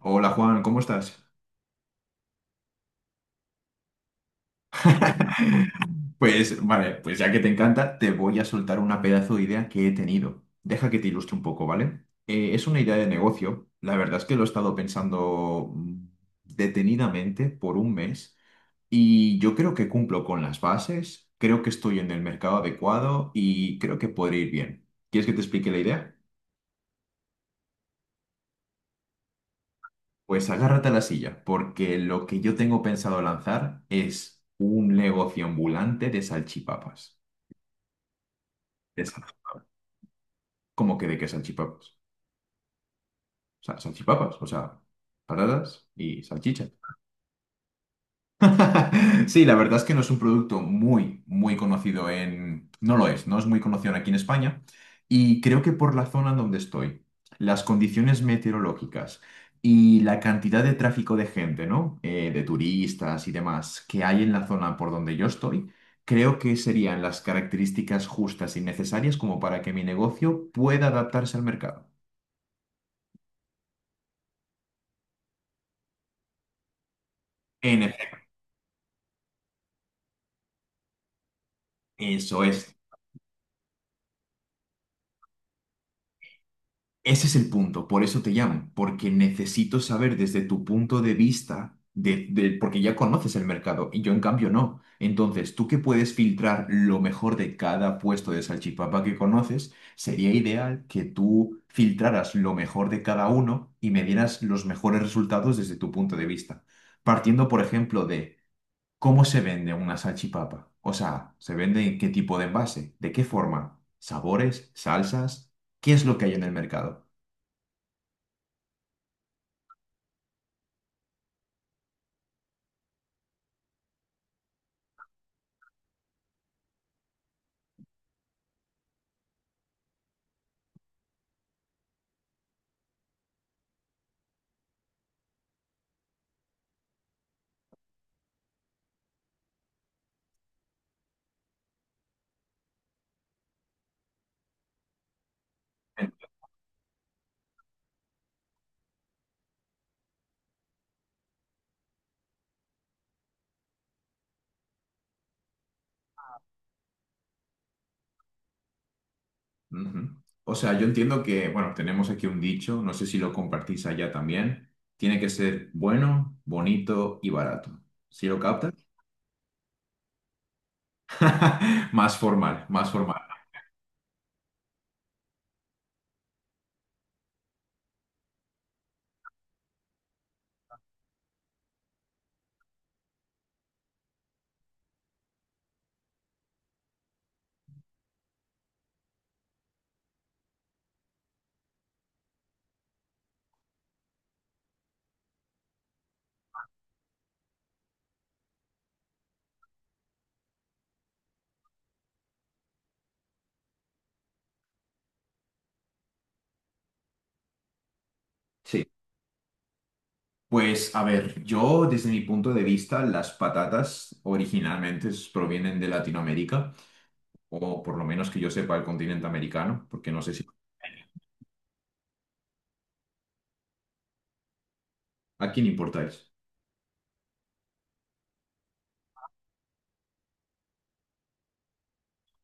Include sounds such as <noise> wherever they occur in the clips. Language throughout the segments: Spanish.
Hola Juan, ¿cómo estás? <laughs> Pues vale, pues ya que te encanta, te voy a soltar una pedazo de idea que he tenido. Deja que te ilustre un poco, ¿vale? Es una idea de negocio. La verdad es que lo he estado pensando detenidamente por un mes, y yo creo que cumplo con las bases, creo que estoy en el mercado adecuado y creo que podría ir bien. ¿Quieres que te explique la idea? Pues agárrate a la silla, porque lo que yo tengo pensado lanzar es un negocio ambulante de salchipapas. Es como que de que salchipapas. O sea, salchipapas, o sea, patatas y salchicha. <laughs> Sí, la verdad es que no es un producto muy, muy conocido en... No lo es, no es muy conocido aquí en España. Y creo que por la zona en donde estoy, las condiciones meteorológicas y la cantidad de tráfico de gente, ¿no? De turistas y demás que hay en la zona por donde yo estoy, creo que serían las características justas y necesarias como para que mi negocio pueda adaptarse al mercado. En Eso es. Ese es el punto, por eso te llamo, porque necesito saber desde tu punto de vista, porque ya conoces el mercado y yo en cambio no. Entonces, tú que puedes filtrar lo mejor de cada puesto de salchipapa que conoces, sería ideal que tú filtraras lo mejor de cada uno y me dieras los mejores resultados desde tu punto de vista. Partiendo, por ejemplo, de... ¿Cómo se vende una salchipapa? O sea, ¿se vende en qué tipo de envase? ¿De qué forma? ¿Sabores? ¿Salsas? ¿Qué es lo que hay en el mercado? En- Ujú. O sea, yo entiendo que, bueno, tenemos aquí un dicho, no sé si lo compartís allá también. Tiene que ser bueno, bonito y barato. ¿Sí lo captas? <laughs> Más formal, más formal. Sí. Pues a ver, yo desde mi punto de vista, las patatas originalmente provienen de Latinoamérica, o por lo menos que yo sepa el continente americano, porque no sé si... ¿A quién importáis?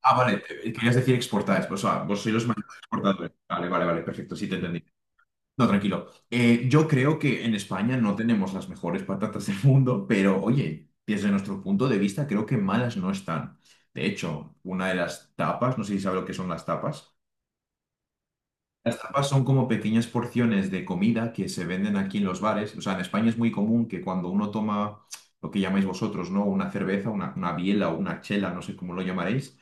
Ah, vale, querías decir exportáis, pues, o sea, vos sois los mayores exportadores. Vale, vale, vale, perfecto, sí te entendí. No, tranquilo. Yo creo que en España no tenemos las mejores patatas del mundo, pero oye, desde nuestro punto de vista creo que malas no están. De hecho, una de las tapas, no sé si sabes lo que son las tapas. Las tapas son como pequeñas porciones de comida que se venden aquí en los bares. O sea, en España es muy común que cuando uno toma lo que llamáis vosotros, ¿no? Una cerveza, una biela o una chela, no sé cómo lo llamaréis,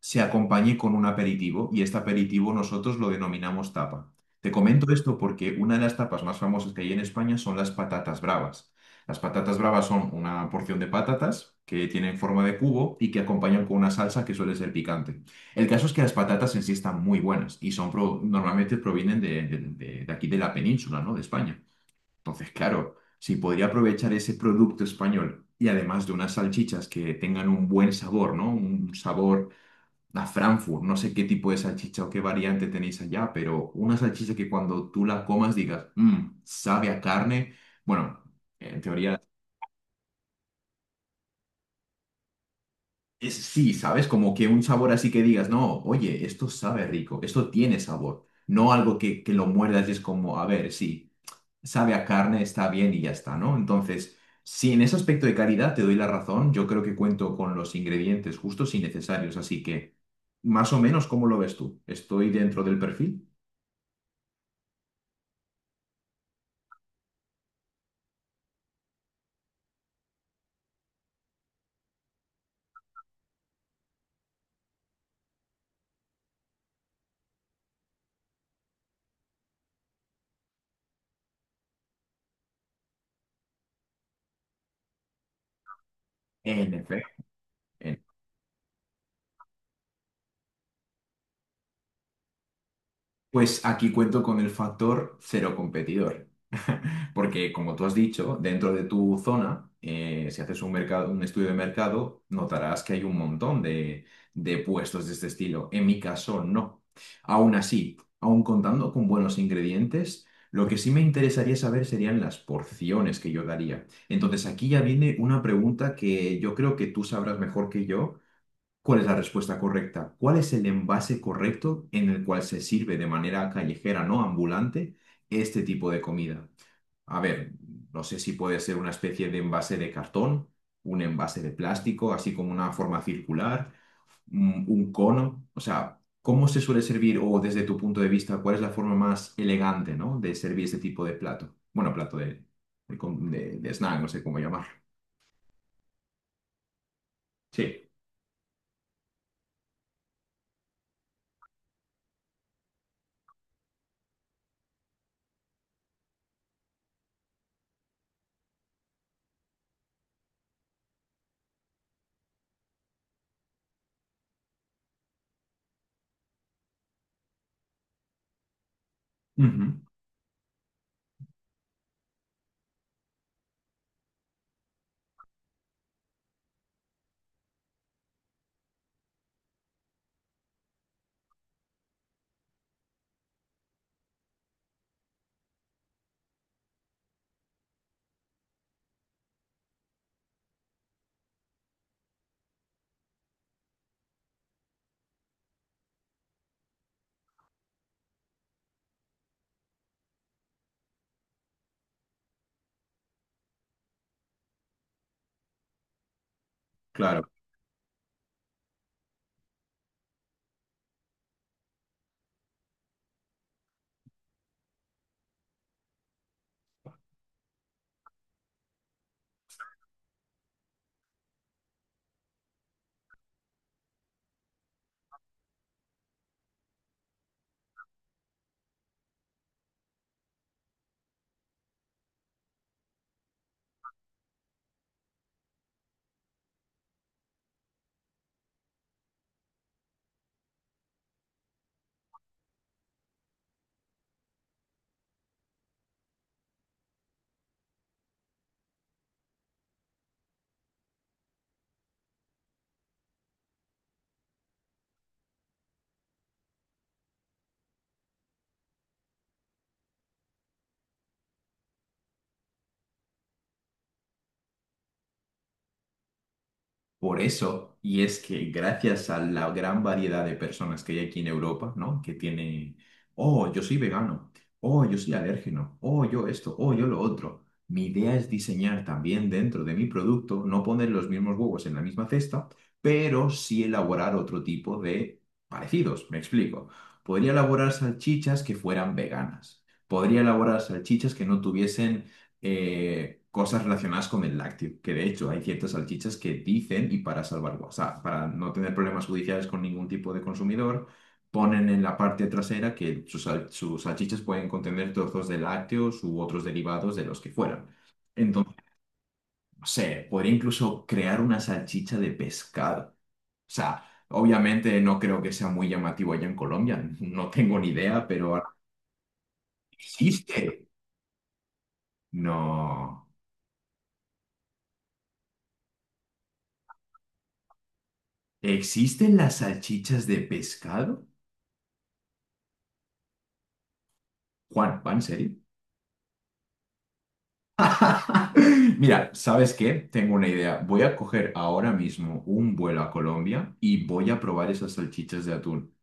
se acompañe con un aperitivo y este aperitivo nosotros lo denominamos tapa. Te comento esto porque una de las tapas más famosas que hay en España son las patatas bravas. Las patatas bravas son una porción de patatas que tienen forma de cubo y que acompañan con una salsa que suele ser picante. El caso es que las patatas en sí están muy buenas y son normalmente provienen de aquí de la península, ¿no? De España. Entonces, claro, si podría aprovechar ese producto español y además de unas salchichas que tengan un buen sabor, ¿no? Un sabor la Frankfurt, no sé qué tipo de salchicha o qué variante tenéis allá, pero una salchicha que cuando tú la comas digas, "Mm, sabe a carne, bueno, en teoría es sí, ¿sabes?" Como que un sabor así que digas, no, oye, esto sabe rico, esto tiene sabor, no algo que, lo muerdas y es como, a ver, sí, sabe a carne, está bien y ya está, ¿no? Entonces, sí, en ese aspecto de calidad te doy la razón, yo creo que cuento con los ingredientes justos y necesarios, así que... Más o menos, ¿cómo lo ves tú? ¿Estoy dentro del perfil? En efecto. Eh, Pues aquí cuento con el factor cero competidor. <laughs> Porque, como tú has dicho, dentro de tu zona, si haces un mercado, un estudio de mercado, notarás que hay un montón de puestos de este estilo. En mi caso, no. Aún así, aún contando con buenos ingredientes, lo que sí me interesaría saber serían las porciones que yo daría. Entonces, aquí ya viene una pregunta que yo creo que tú sabrás mejor que yo. ¿Cuál es la respuesta correcta? ¿Cuál es el envase correcto en el cual se sirve de manera callejera, no ambulante, este tipo de comida? A ver, no sé si puede ser una especie de envase de cartón, un envase de plástico, así como una forma circular, un cono. O sea, ¿cómo se suele servir o desde tu punto de vista, cuál es la forma más elegante, ¿no? de servir este tipo de plato? Bueno, plato de, de snack, no sé cómo llamar. Sí. Ujú. Claro. Por eso, y es que gracias a la gran variedad de personas que hay aquí en Europa, ¿no? Que tiene, oh, yo soy vegano, oh, yo soy alérgeno, oh, yo esto, oh, yo lo otro. Mi idea es diseñar también dentro de mi producto, no poner los mismos huevos en la misma cesta, pero sí elaborar otro tipo de parecidos. Me explico. Podría elaborar salchichas que fueran veganas. Podría elaborar salchichas que no tuviesen cosas relacionadas con el lácteo, que de hecho hay ciertas salchichas que dicen, y para salvar, o sea, para no tener problemas judiciales con ningún tipo de consumidor, ponen en la parte trasera que sus salchichas pueden contener trozos de lácteos u otros derivados de los que fueran. Entonces, no sé, podría incluso crear una salchicha de pescado. O sea, obviamente no creo que sea muy llamativo allá en Colombia, <laughs> no tengo ni idea, pero existe. No. ¿Existen las salchichas de pescado? Juan, ¿va en serio? <laughs> Mira, ¿sabes qué? Tengo una idea. Voy a coger ahora mismo un vuelo a Colombia y voy a probar esas salchichas de atún.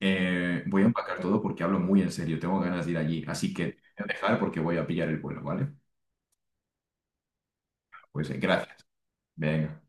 Voy a empacar todo porque hablo muy en serio. Tengo ganas de ir allí. Así que te voy a dejar porque voy a pillar el vuelo, ¿vale? Pues gracias. Venga.